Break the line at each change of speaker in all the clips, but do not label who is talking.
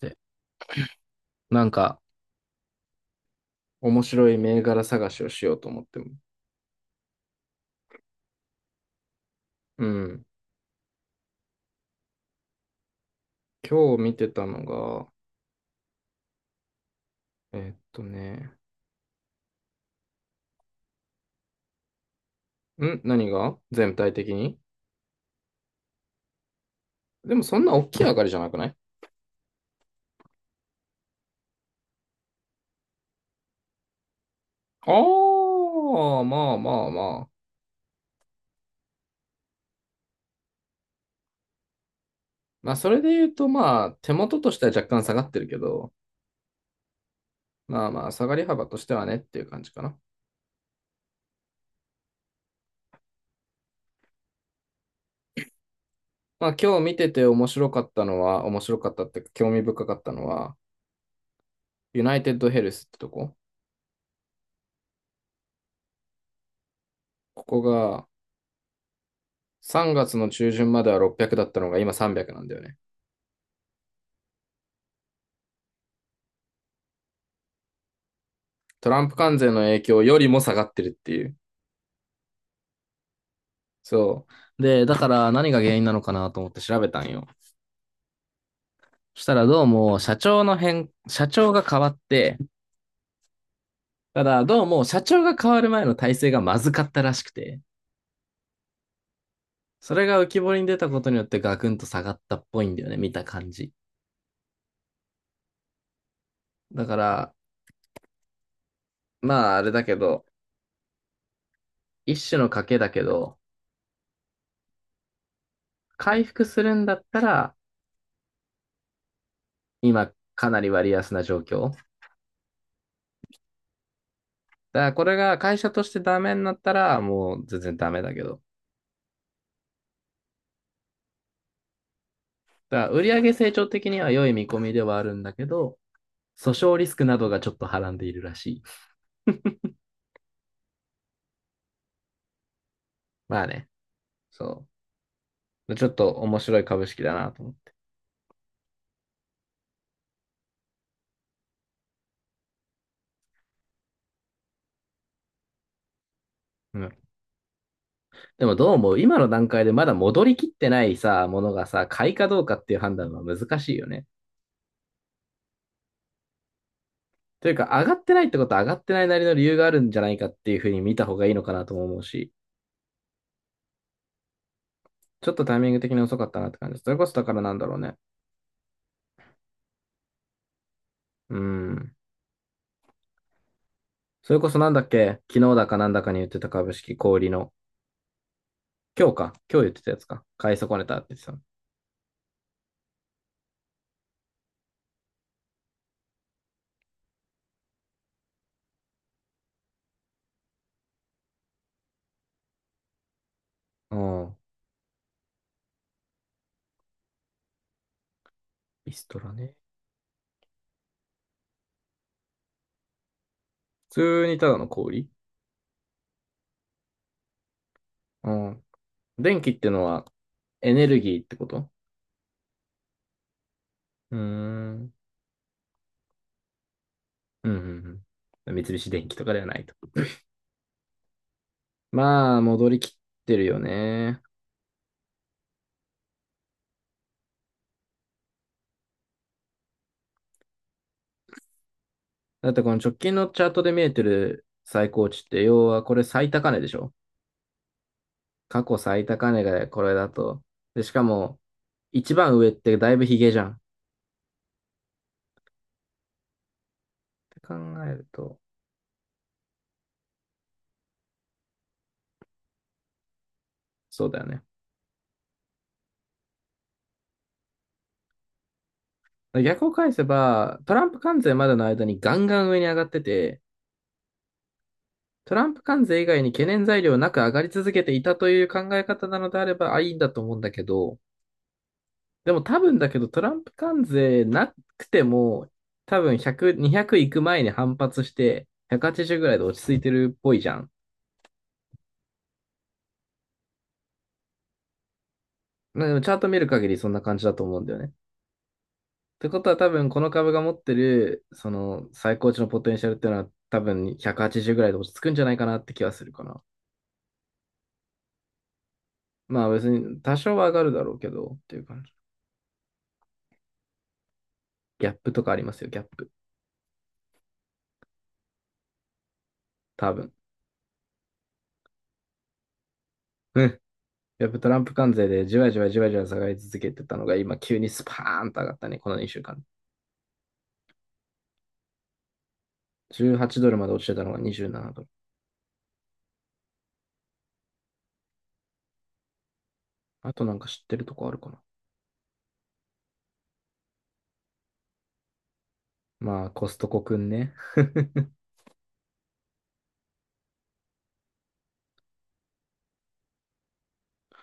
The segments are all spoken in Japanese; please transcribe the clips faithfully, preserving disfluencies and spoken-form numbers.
て。なんか、面白い銘柄探しをしようと思っても。うん。今日見てたのが、えーっとね、ん何が全体的に、でもそんな大きい上がりじゃなくない？ああ、まあまあまあ。まあそれで言うと、まあ手元としては若干下がってるけど、まあまあ下がり幅としてはねっていう感じかな。まあ今日見てて面白かったのは、面白かったっていうか興味深かったのは、ユナイテッドヘルスってとこ。ここがさんがつの中旬まではろっぴゃくだったのが今さんびゃくなんだよね。トランプ関税の影響よりも下がってるっていう。そう。で、だから何が原因なのかなと思って調べたんよ。そしたらどうも社長の変、社長が変わって、ただどうも社長が変わる前の体制がまずかったらしくて、それが浮き彫りに出たことによってガクンと下がったっぽいんだよね、見た感じ。だから、まああれだけど、一種の賭けだけど、回復するんだったら、今かなり割安な状況。だからこれが会社としてダメになったら、もう全然ダメだけど。だから売上成長的には良い見込みではあるんだけど、訴訟リスクなどがちょっとはらんでいるらしい。まあね、そう。ちょっと面白い株式だなと思って。うん。でもどうも今の段階でまだ戻りきってないさ、ものがさ、買いかどうかっていう判断は難しいよね。というか、上がってないってことは上がってないなりの理由があるんじゃないかっていうふうに見た方がいいのかなとも思うし、ちょっとタイミング的に遅かったなって感じです。それこそだからなんだろうね。うん。それこそなんだっけ、昨日だかなんだかに言ってた株式小売りの、今日か、今日言ってたやつか、買い損ねたって言ってたの。うん。ビストラね。普通にただの小売り。うん。電気ってのはエネルギーってこと？うーん。うん、うん、うん。三菱電機とかではないと。まあ、戻りきってるよね。だってこの直近のチャートで見えてる最高値って、要はこれ最高値でしょ？過去最高値がこれだと。で、しかも、一番上ってだいぶヒゲじゃん。て考えると、そうだよね。逆を返せば、トランプ関税までの間にガンガン上に上がってて、トランプ関税以外に懸念材料なく上がり続けていたという考え方なのであれば、あ、いいんだと思うんだけど、でも多分だけど、トランプ関税なくても、多分ひゃく、にひゃくいく前に反発して、ひゃくはちじゅうぐらいで落ち着いてるっぽいじゃん。なんかチャート見る限りそんな感じだと思うんだよね。てことは多分この株が持ってる、その最高値のポテンシャルっていうのは多分ひゃくはちじゅうぐらいで落ち着くんじゃないかなって気はするかな。まあ別に多少は上がるだろうけどっていう感じ。ギャップとかありますよ、ギャップ。多分。うん。ギャップ、トランプ関税でじわじわじわじわ下がり続けてたのが今急にスパーンと上がったね、このにしゅうかん。じゅうはちドルまで落ちてたのがにじゅうななドル。あとなんか知ってるとこあるかな。まあコストコくんね。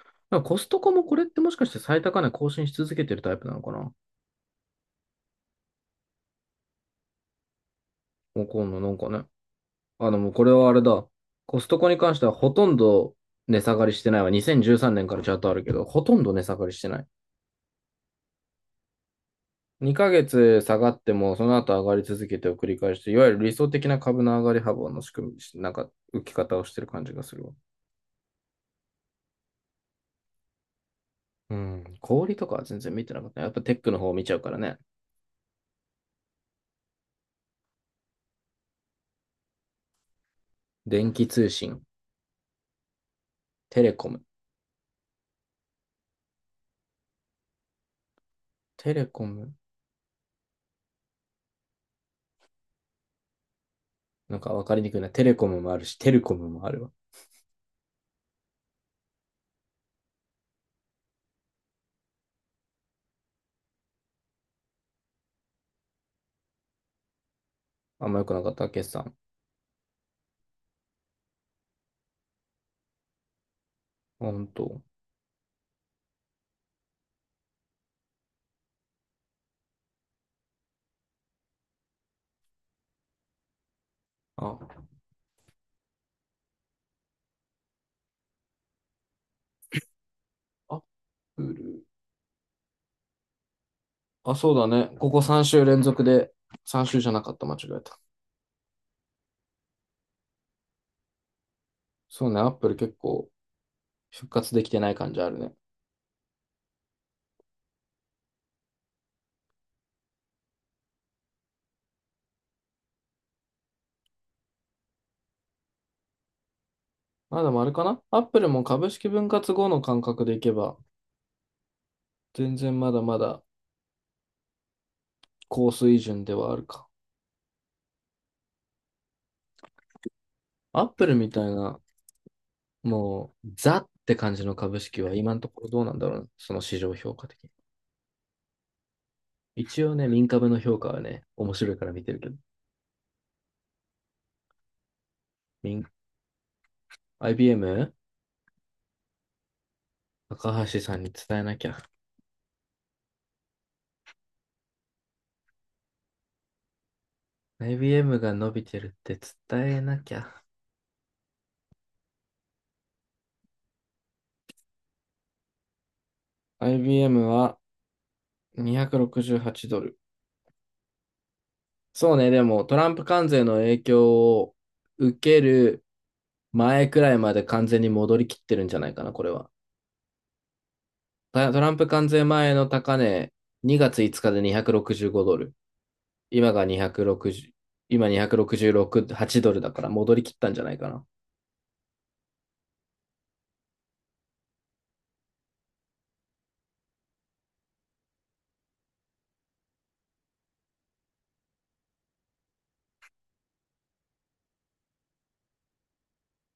コストコもこれってもしかして最高値更新し続けてるタイプなのかな？もう今な、なんかね。あの、もうこれはあれだ。コストコに関してはほとんど値下がりしてないわ。にせんじゅうさんねんからチャートあるけど、ほとんど値下がりしてない。にかげつ下がっても、その後上がり続けてを繰り返して、いわゆる理想的な株の上がり幅の仕組み、なんか浮き方をしてる感じがするわ。うん。小売りとかは全然見てなかった。やっぱテックの方を見ちゃうからね。電気通信、テレコム。テレコム。なんかわかりにくいな。テレコムもあるし、テレコムもあるわ。あんま良くなかった、決算。あ、本当。あ、アップル。あ、そうだね。ここさん週連続で、さん週じゃなかった、間違えた。そうね、アップル結構復活できてない感じあるね。まあでもあれかな、アップルも株式分割後の感覚でいけば、全然まだまだ高水準ではあるか。アップルみたいな、もう、ザって感じの株式は今のところどうなんだろうね、その市場評価的に。一応ね、民株の評価はね、面白いから見てるけど。民 アイビーエム？ 高橋さんに伝えなきゃ。アイビーエム が伸びてるって伝えなきゃ。アイビーエム はにひゃくろくじゅうはちドル。そうね、でもトランプ関税の影響を受ける前くらいまで完全に戻りきってるんじゃないかな、これは。たトランプ関税前の高値、にがついつかでにひゃくろくじゅうごドル。今がにひゃくろくじゅう、今にひゃくろくじゅうろく、はちドルだから戻りきったんじゃないかな。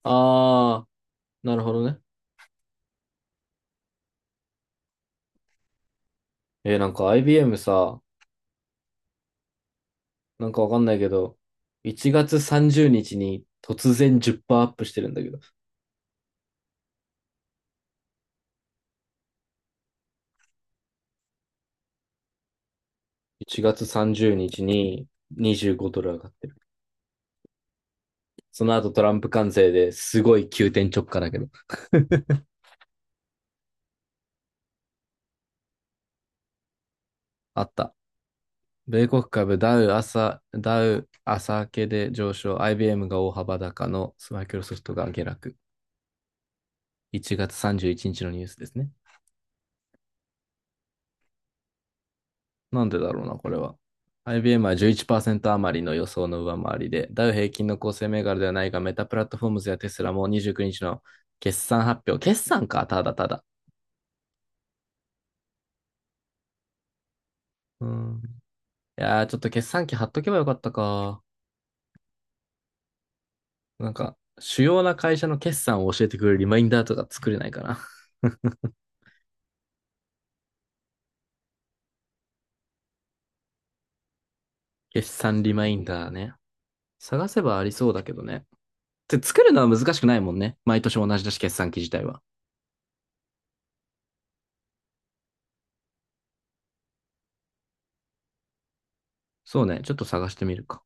あー、なるほどね。えーなんか アイビーエム さ、なんかわかんないけど、いちがつさんじゅうにちにちに突然じゅっパーセントアップしてるんだけど。いちがつさんじゅうにちににじゅうごドル上がってる。その後トランプ関税ですごい急転直下だけど、あった。米国株ダウ朝、ダウ朝明けで上昇、アイビーエム が大幅高、のマイクロソフトが下落。いちがつさんじゅういちにちのニュースですね。なんでだろうな、これは。アイビーエム はじゅういっパーセント余りの予想の上回りで、ダウ平均の構成銘柄ではないが、メタプラットフォームズやテスラもにじゅうくにちの決算発表。決算か、ただただ。うん。いやー、ちょっと決算機貼っとけばよかったか。なんか、主要な会社の決算を教えてくれるリマインダーとか作れないかな。決算リマインダーね。探せばありそうだけどね。で、作るのは難しくないもんね。毎年同じだし、決算機自体は。そうね、ちょっと探してみるか。